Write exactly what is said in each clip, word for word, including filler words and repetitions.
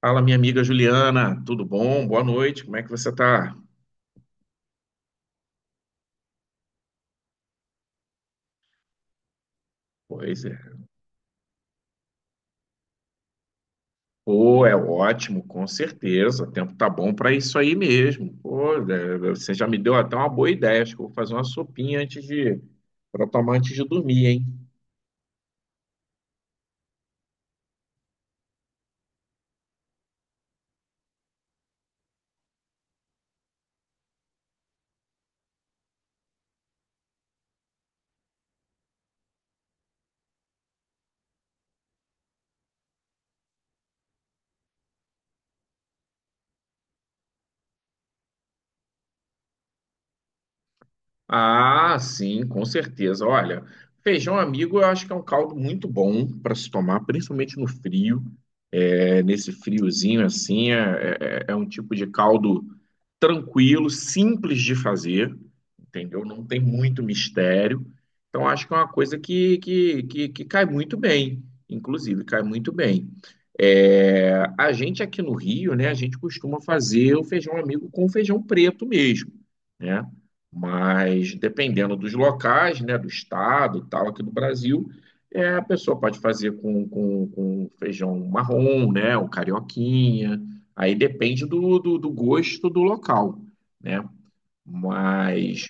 Fala, minha amiga Juliana, tudo bom? Boa noite, como é que você tá? Pois é. Pô, é ótimo, com certeza. O tempo tá bom para isso aí mesmo. Pô, é, você já me deu até uma boa ideia. Acho que eu vou fazer uma sopinha antes de para tomar antes de dormir, hein? Ah, sim, com certeza. Olha, feijão amigo eu acho que é um caldo muito bom para se tomar, principalmente no frio. É, nesse friozinho assim, é, é é um tipo de caldo tranquilo, simples de fazer, entendeu? Não tem muito mistério. Então, acho que é uma coisa que, que, que, que cai muito bem, inclusive, cai muito bem. É, a gente aqui no Rio, né, a gente costuma fazer o feijão amigo com feijão preto mesmo, né? Mas dependendo dos locais, né, do estado e tal, aqui do Brasil, é, a pessoa pode fazer com, com, com feijão marrom, né? Ou carioquinha. Aí depende do, do, do gosto do local, né? Mas,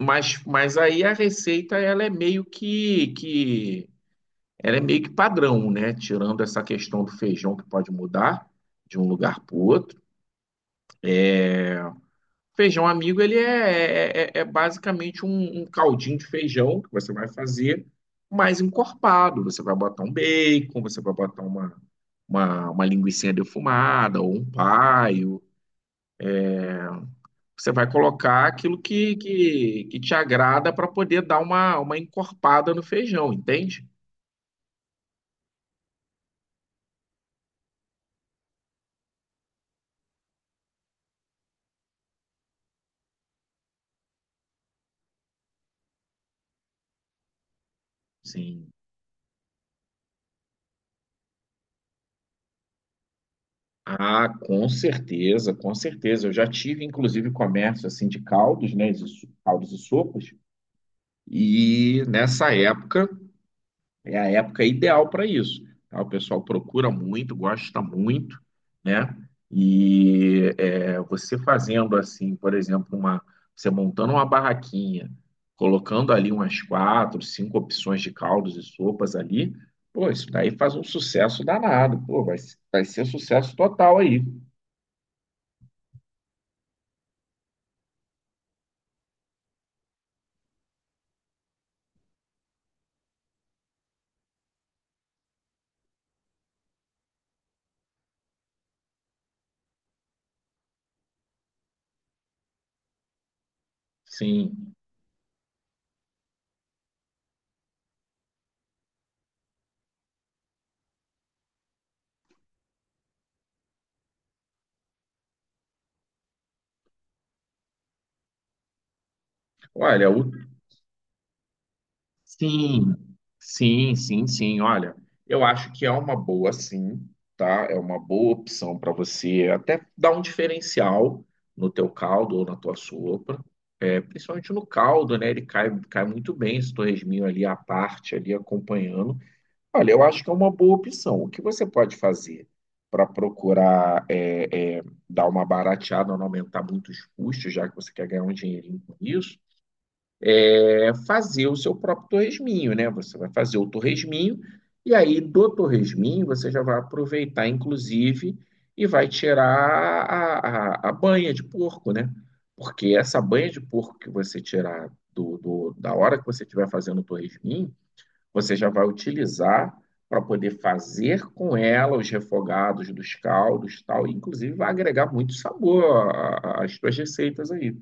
mas, mas aí a receita ela é meio que, que ela é meio que padrão, né? Tirando essa questão do feijão que pode mudar de um lugar para o outro. Feijão amigo, ele é, é, é é basicamente um, um caldinho de feijão que você vai fazer mais encorpado. Você vai botar um bacon, você vai botar uma, uma, uma linguicinha defumada ou um paio. Você vai colocar aquilo que, que, que te agrada para poder dar uma, uma encorpada no feijão, entende? Sim. Ah, com certeza, com certeza. Eu já tive, inclusive, comércio assim de caldos, né? de su- Caldos e sopas. E nessa época é a época ideal para isso. Tá? O pessoal procura muito, gosta muito, né? E é, você fazendo assim, por exemplo, uma, você montando uma barraquinha, colocando ali umas quatro, cinco opções de caldos e sopas ali, pô, isso daí faz um sucesso danado. Pô, vai, vai ser sucesso total aí. Sim. Olha, o Sim, sim, sim, sim. Olha, eu acho que é uma boa, sim, tá? É uma boa opção para você até dar um diferencial no teu caldo ou na tua sopa. É, principalmente no caldo, né? Ele cai, cai muito bem esse torresminho ali à parte, ali acompanhando. Olha, eu acho que é uma boa opção. O que você pode fazer para procurar é, é, dar uma barateada, não aumentar muito os custos, já que você quer ganhar um dinheirinho com isso? É fazer o seu próprio torresminho, né? Você vai fazer o torresminho e aí do torresminho você já vai aproveitar, inclusive, e vai tirar a, a, a banha de porco, né? Porque essa banha de porco que você tirar do, do- da hora que você estiver fazendo o torresminho, você já vai utilizar para poder fazer com ela os refogados dos caldos, e tal, e inclusive vai agregar muito sabor às suas receitas aí.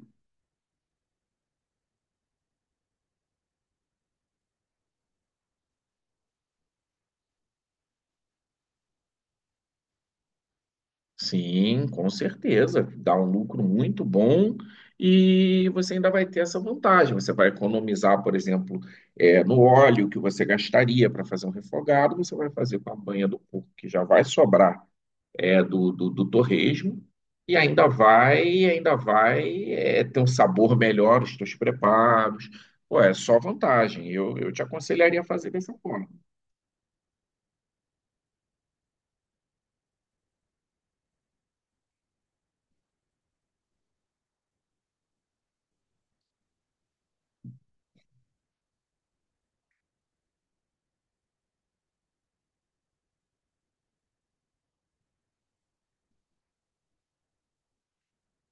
Sim, com certeza. Dá um lucro muito bom e você ainda vai ter essa vantagem. Você vai economizar, por exemplo, eh, no óleo que você gastaria para fazer um refogado, você vai fazer com a banha do porco, que já vai sobrar eh, do, do, do torresmo, e ainda vai, ainda vai eh, ter um sabor melhor, os teus preparos. Pô, é só vantagem. Eu, eu te aconselharia a fazer dessa forma.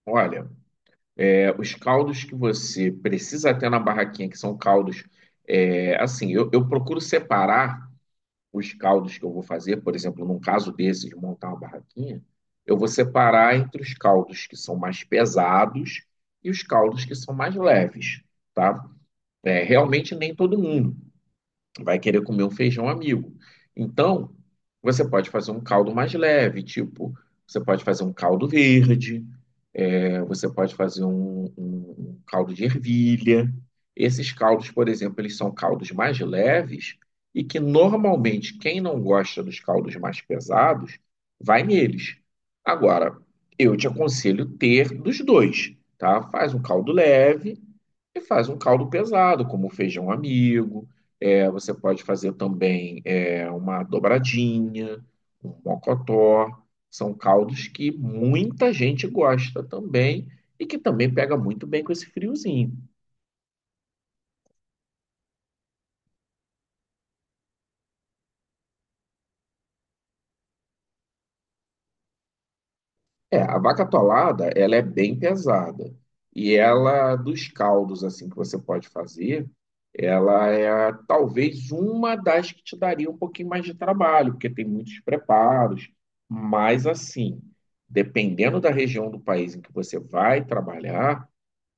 Olha. É, os caldos que você precisa ter na barraquinha, que são caldos, é, assim, eu, eu procuro separar os caldos que eu vou fazer, por exemplo, num caso desse de montar uma barraquinha, eu vou separar entre os caldos que são mais pesados e os caldos que são mais leves, tá? É, realmente nem todo mundo vai querer comer um feijão amigo. Então, você pode fazer um caldo mais leve, tipo, você pode fazer um caldo verde, é, você pode fazer um, um- um caldo de ervilha. Esses caldos, por exemplo, eles são caldos mais leves e que normalmente quem não gosta dos caldos mais pesados vai neles. Agora, eu te aconselho ter dos dois, tá? Faz um caldo leve e faz um caldo pesado, como feijão amigo. É, você pode fazer também é, uma dobradinha, um mocotó. São caldos que muita gente gosta também e que também pega muito bem com esse friozinho. É, a vaca atolada, ela é bem pesada. E ela, dos caldos assim que você pode fazer, ela é talvez uma das que te daria um pouquinho mais de trabalho, porque tem muitos preparos. Mas assim, dependendo da região do país em que você vai trabalhar,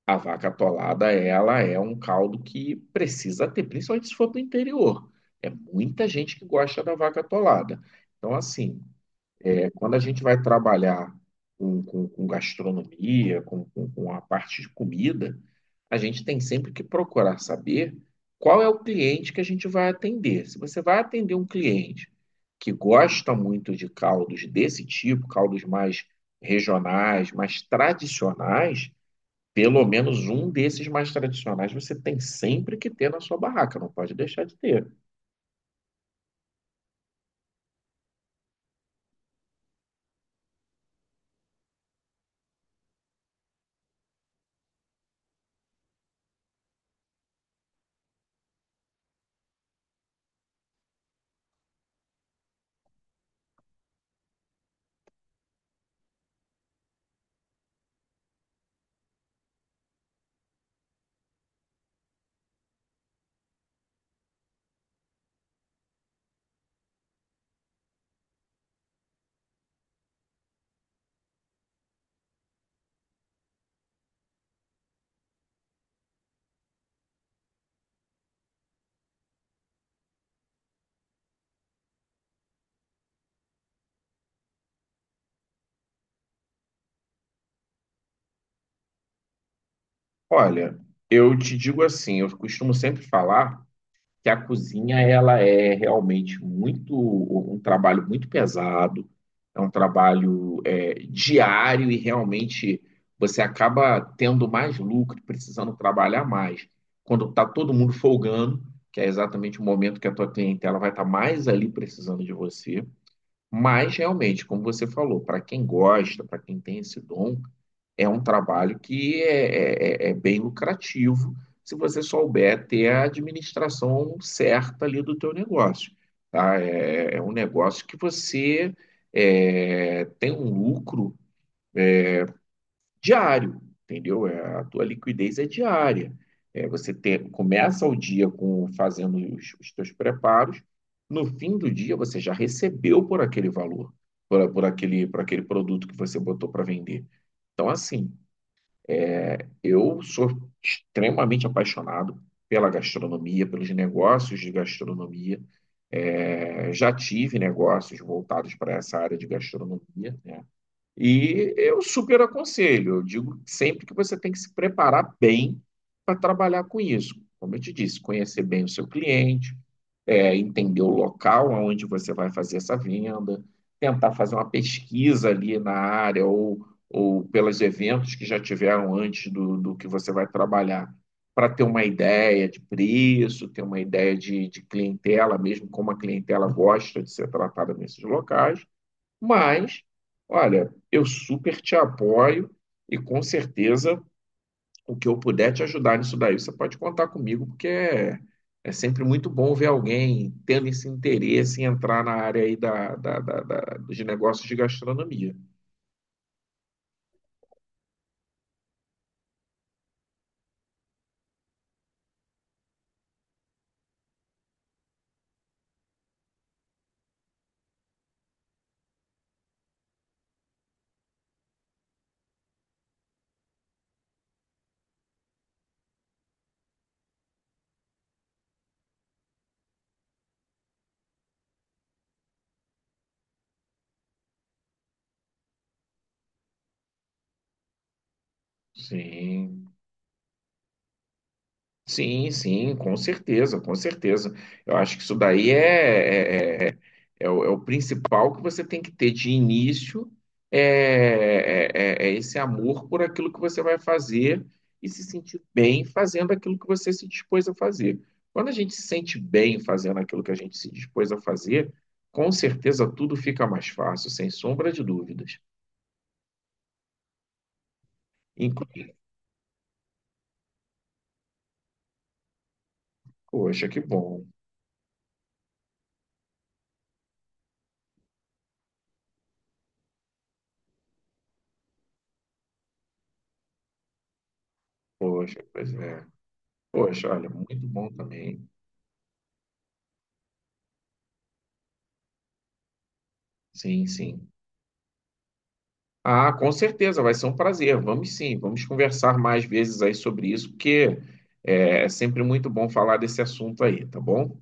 a vaca atolada, ela é um caldo que precisa ter, principalmente se for para o interior. É muita gente que gosta da vaca atolada. Então, assim, quando a gente vai trabalhar com, com- com gastronomia, com, com- com a parte de comida, a gente tem sempre que procurar saber qual é o cliente que a gente vai atender. Se você vai atender um cliente que gosta muito de caldos desse tipo, caldos mais regionais, mais tradicionais, pelo menos um desses mais tradicionais você tem sempre que ter na sua barraca, não pode deixar de ter. Olha, eu te digo assim, eu costumo sempre falar que a cozinha ela é realmente muito um trabalho muito pesado, é um trabalho é, diário e realmente você acaba tendo mais lucro, precisando trabalhar mais. Quando está todo mundo folgando, que é exatamente o momento que a tua clientela vai estar mais ali precisando de você. Mas realmente, como você falou, para quem gosta, para quem tem esse dom, é um trabalho que é, é- é é bem lucrativo se você souber ter a administração certa ali do teu negócio, tá? É, é um negócio que você é, tem um lucro diário, entendeu? É, a tua liquidez é diária. É, você tem- começa o dia com fazendo os, os teus preparos, no fim do dia você já recebeu por aquele valor, por, por aquele, por aquele produto que você botou para vender. Então, assim, eu sou extremamente apaixonado pela gastronomia, pelos negócios de gastronomia. É, já tive negócios voltados para essa área de gastronomia, né? E eu super aconselho, eu digo sempre que você tem que se preparar bem para trabalhar com isso. Como eu te disse, conhecer bem o seu cliente, é, entender o local onde você vai fazer essa venda, tentar fazer uma pesquisa ali na área ou, ou pelos eventos que já tiveram antes do, do que você vai trabalhar, para ter uma ideia de preço, ter uma ideia de, de clientela, mesmo como a clientela gosta de ser tratada nesses locais. Mas, olha, eu super te apoio e com certeza o que eu puder te ajudar nisso daí, você pode contar comigo, porque é, é sempre muito bom ver alguém tendo esse interesse em entrar na área aí da, da, da- da- dos negócios de gastronomia. Sim. Sim, sim, com certeza, com certeza. Eu acho que isso daí é, é, é, é o, é o principal que você tem que ter de início, é, é, é- é esse amor por aquilo que você vai fazer e se sentir bem fazendo aquilo que você se dispôs a fazer. Quando a gente se sente bem fazendo aquilo que a gente se dispôs a fazer, com certeza tudo fica mais fácil, sem sombra de dúvidas. Inclusive, poxa, que bom. Poxa, pois é. Poxa, olha, muito bom também. Sim, sim. Ah, com certeza, vai ser um prazer. Vamos sim, vamos conversar mais vezes aí sobre isso, porque é é sempre muito bom falar desse assunto aí, tá bom?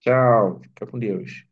Tchau, fica com Deus.